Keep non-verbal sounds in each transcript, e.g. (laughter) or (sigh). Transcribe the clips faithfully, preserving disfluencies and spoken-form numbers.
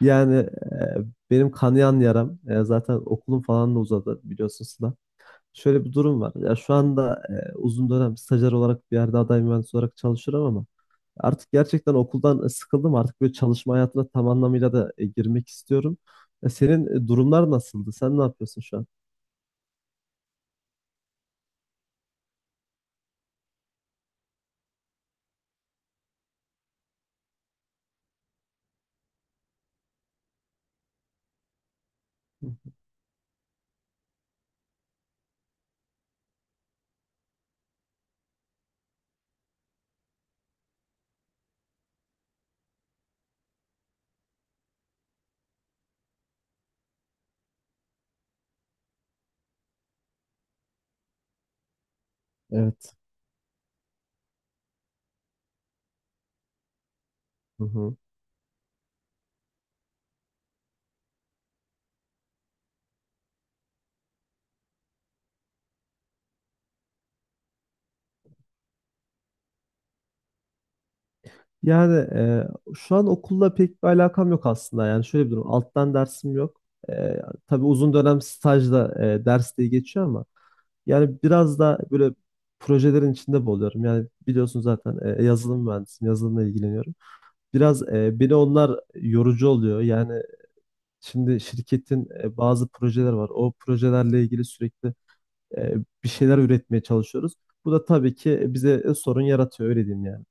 Yani e, benim kanayan yaram e, zaten okulum falan da uzadı biliyorsunuz da. Şöyle bir durum var. Ya şu anda e, uzun dönem stajyer olarak bir yerde aday mühendis olarak çalışıyorum ama artık gerçekten okuldan e, sıkıldım. Artık böyle çalışma hayatına tam anlamıyla da e, girmek istiyorum. E, senin e, durumlar nasıldı? Sen ne yapıyorsun şu an? Hı. Evet. Hı hı. Yani e, şu an okulla pek bir alakam yok aslında. Yani şöyle bir durum. Alttan dersim yok. E, tabii uzun dönem stajda e, ders diye geçiyor ama yani biraz da böyle projelerin içinde buluyorum. Yani biliyorsun zaten e, e, yazılım mühendisiyim, yazılımla ilgileniyorum. Biraz e, beni onlar yorucu oluyor. Yani şimdi şirketin e, bazı projeler var. O projelerle ilgili sürekli e, bir şeyler üretmeye çalışıyoruz. Bu da tabii ki bize e, sorun yaratıyor, öyle diyeyim yani.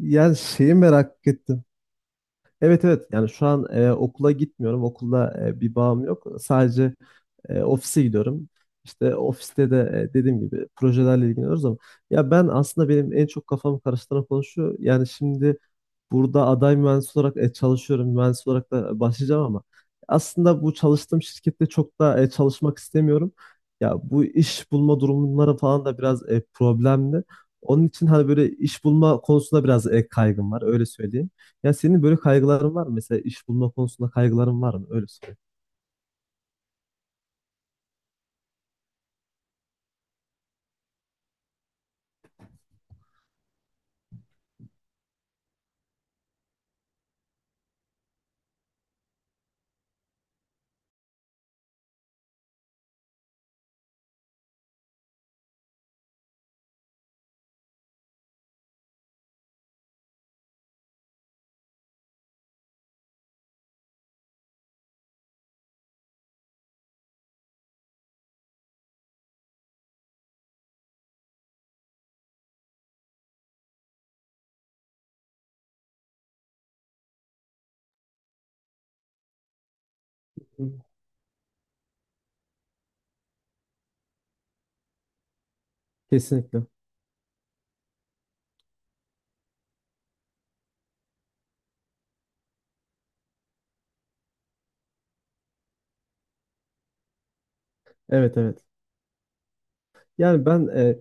Yani şeyi merak ettim. Evet, evet, yani şu an e, okula gitmiyorum. Okulda e, bir bağım yok. Sadece E, ofise gidiyorum. İşte ofiste de e, dediğim gibi projelerle ilgileniyoruz ama ya ben aslında benim en çok kafamı karıştıran konu şu. Yani şimdi burada aday mühendis olarak e, çalışıyorum. Mühendis olarak da başlayacağım ama aslında bu çalıştığım şirkette çok da e, çalışmak istemiyorum. Ya bu iş bulma durumları falan da biraz e, problemli. Onun için hani böyle iş bulma konusunda biraz e, kaygım var, öyle söyleyeyim. Ya senin böyle kaygıların var mı? Mesela iş bulma konusunda kaygıların var mı? Öyle söyleyeyim. Kesinlikle. Evet, evet. Yani ben e,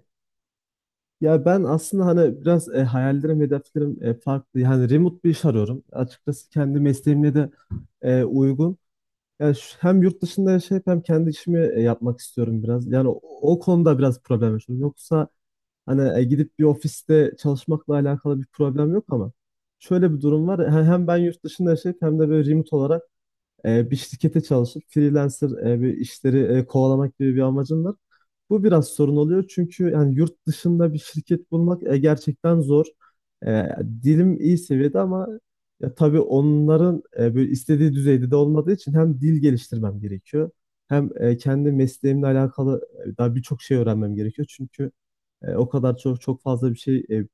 ya ben aslında hani biraz e, hayallerim, hedeflerim e, farklı. Yani remote bir iş arıyorum. Açıkçası kendi mesleğimle de e, uygun. Yani şu- hem yurt dışında yaşayıp hem kendi işimi e, yapmak istiyorum biraz. Yani o, o konuda biraz problem yaşıyorum. Yoksa hani e, gidip bir ofiste çalışmakla alakalı bir problem yok ama şöyle bir durum var. He- Hem ben yurt dışında yaşayıp hem de böyle remote olarak e, bir şirkete çalışıp freelancer e, bir işleri e, kovalamak gibi bir amacım var. Bu biraz sorun oluyor çünkü yani yurt dışında bir şirket bulmak e, gerçekten zor. E, dilim iyi seviyede ama ya tabii onların e, böyle istediği düzeyde de olmadığı için hem dil geliştirmem gerekiyor hem e, kendi mesleğimle alakalı e, daha birçok şey öğrenmem gerekiyor. Çünkü e, o kadar çok çok fazla bir şey e,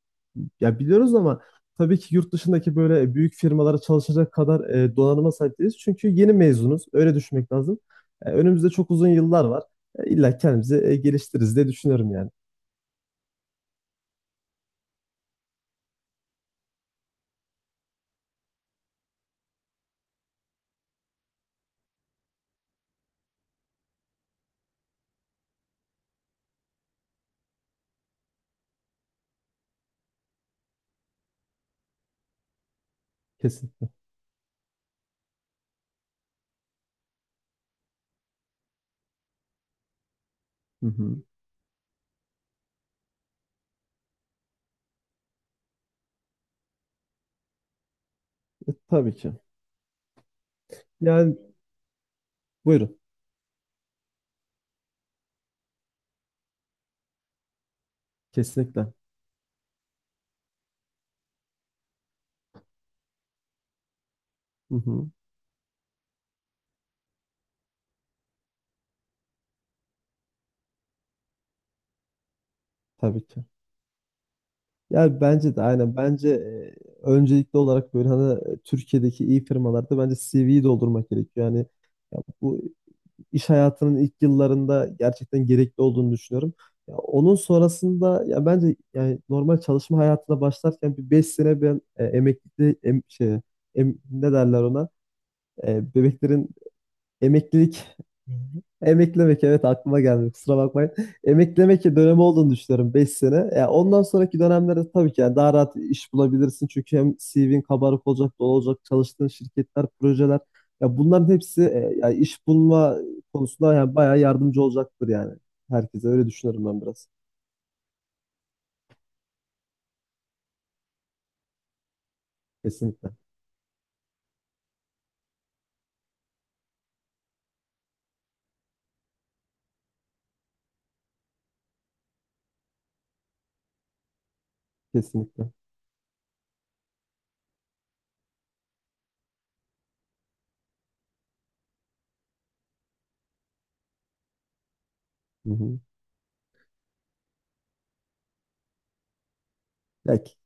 ya biliyoruz ama tabii ki yurt dışındaki böyle büyük firmalara çalışacak kadar e, donanıma sahip değiliz. Çünkü yeni mezunuz. Öyle düşünmek lazım. E, önümüzde çok uzun yıllar var. E, illa kendimizi e, geliştiririz diye düşünüyorum yani. Kesin. Hı hı. E, tabii ki. Yani buyurun. Kesinlikle. Hı hı. Tabii ki. Yani bence de aynen. Bence e, öncelikli olarak böyle hani e, Türkiye'deki iyi firmalarda bence C V'yi doldurmak gerekiyor. Yani ya bu iş hayatının ilk yıllarında gerçekten gerekli olduğunu düşünüyorum. Ya onun sonrasında ya bence yani normal çalışma hayatına başlarken bir beş sene ben e, emeklilikte em, şey, em- ne derler ona, E, bebeklerin, emeklilik, hı hı, emeklemek, evet, aklıma geldi, kusura bakmayın. (laughs) Emeklemek dönemi olduğunu düşünüyorum beş sene. Ya ondan sonraki dönemlerde tabii ki yani daha rahat iş bulabilirsin. Çünkü hem C V'nin kabarık olacak, dolu olacak, çalıştığın şirketler, projeler. Ya bunların hepsi e, ya iş bulma konusunda yani bayağı yardımcı olacaktır yani. Herkese öyle düşünüyorum ben biraz. Kesinlikle. Kesinlikle. Hı hı. Ya ki-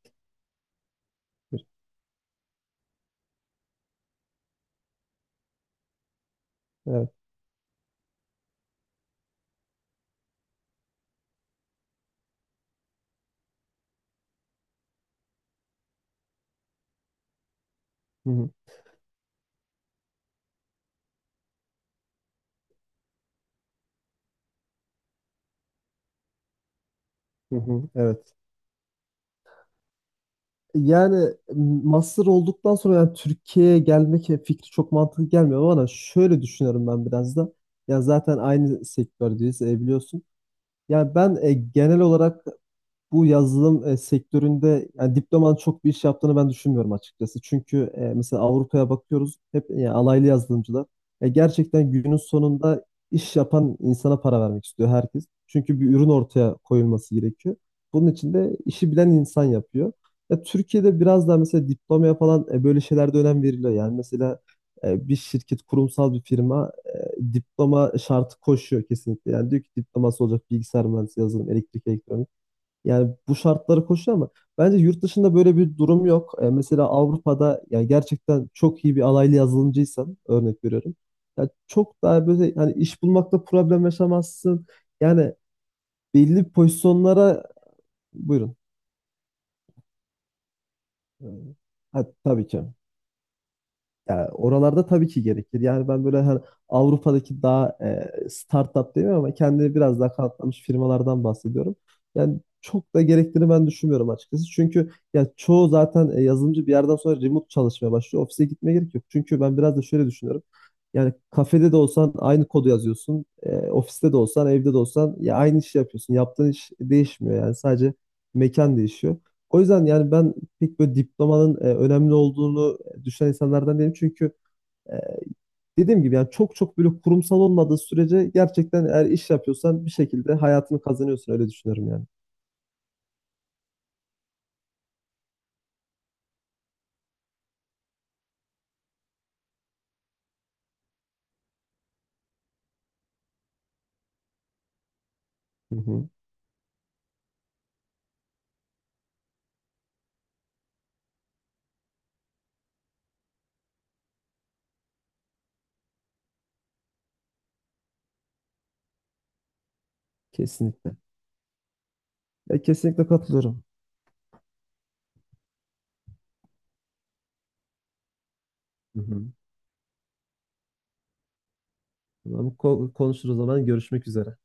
Evet. Hı hı. Hı hı. Evet. Yani master olduktan sonra yani Türkiye'ye gelmek fikri çok mantıklı gelmiyor ama bana, şöyle düşünüyorum ben biraz da. Ya zaten aynı sektördeyiz, e, biliyorsun. Yani ben e, genel olarak bu yazılım e, sektöründe yani diplomanın çok bir iş yaptığını ben düşünmüyorum açıkçası. Çünkü e, mesela Avrupa'ya bakıyoruz hep e, alaylı yazılımcılar. E, gerçekten günün sonunda iş yapan insana para vermek istiyor herkes. Çünkü bir ürün ortaya koyulması gerekiyor. Bunun için de işi bilen insan yapıyor. Ya, Türkiye'de biraz daha mesela diplomaya falan e, böyle şeylerde önem veriliyor. Yani mesela e, bir şirket, kurumsal bir firma e, diploma şartı koşuyor kesinlikle. Yani diyor ki diploması olacak bilgisayar mühendisi, yazılım, elektrik, elektronik. Yani bu şartları koşuyor ama bence yurt dışında böyle bir durum yok. E, mesela Avrupa'da ya gerçekten çok iyi bir alaylı yazılımcıysan, örnek veriyorum. Ya çok daha böyle hani iş bulmakta problem yaşamazsın. Yani belli pozisyonlara buyurun. E, Ha, tabii ki. Yani oralarda tabii ki gerekir. Yani ben böyle hani Avrupa'daki daha e, startup demiyorum ama kendini biraz daha kanıtlamış firmalardan bahsediyorum. Yani çok da gerektiğini ben düşünmüyorum açıkçası. Çünkü ya çoğu zaten e, yazılımcı bir yerden sonra remote çalışmaya başlıyor. Ofise gitmeye gerek yok. Çünkü ben biraz da şöyle düşünüyorum. Yani kafede de olsan aynı kodu yazıyorsun. E, ofiste de olsan, evde de olsan ya aynı işi yapıyorsun. Yaptığın iş değişmiyor yani, sadece mekan değişiyor. O yüzden yani ben pek böyle diplomanın e, önemli olduğunu e, düşünen insanlardan değilim. Çünkü e, dediğim gibi yani çok çok böyle kurumsal olmadığı sürece gerçekten eğer iş yapıyorsan bir şekilde hayatını kazanıyorsun, öyle düşünüyorum yani. Hı hı. Kesinlikle. Ya kesinlikle katılıyorum. Hı hı. Tamam, ko- konuşuruz o zaman, görüşmek üzere.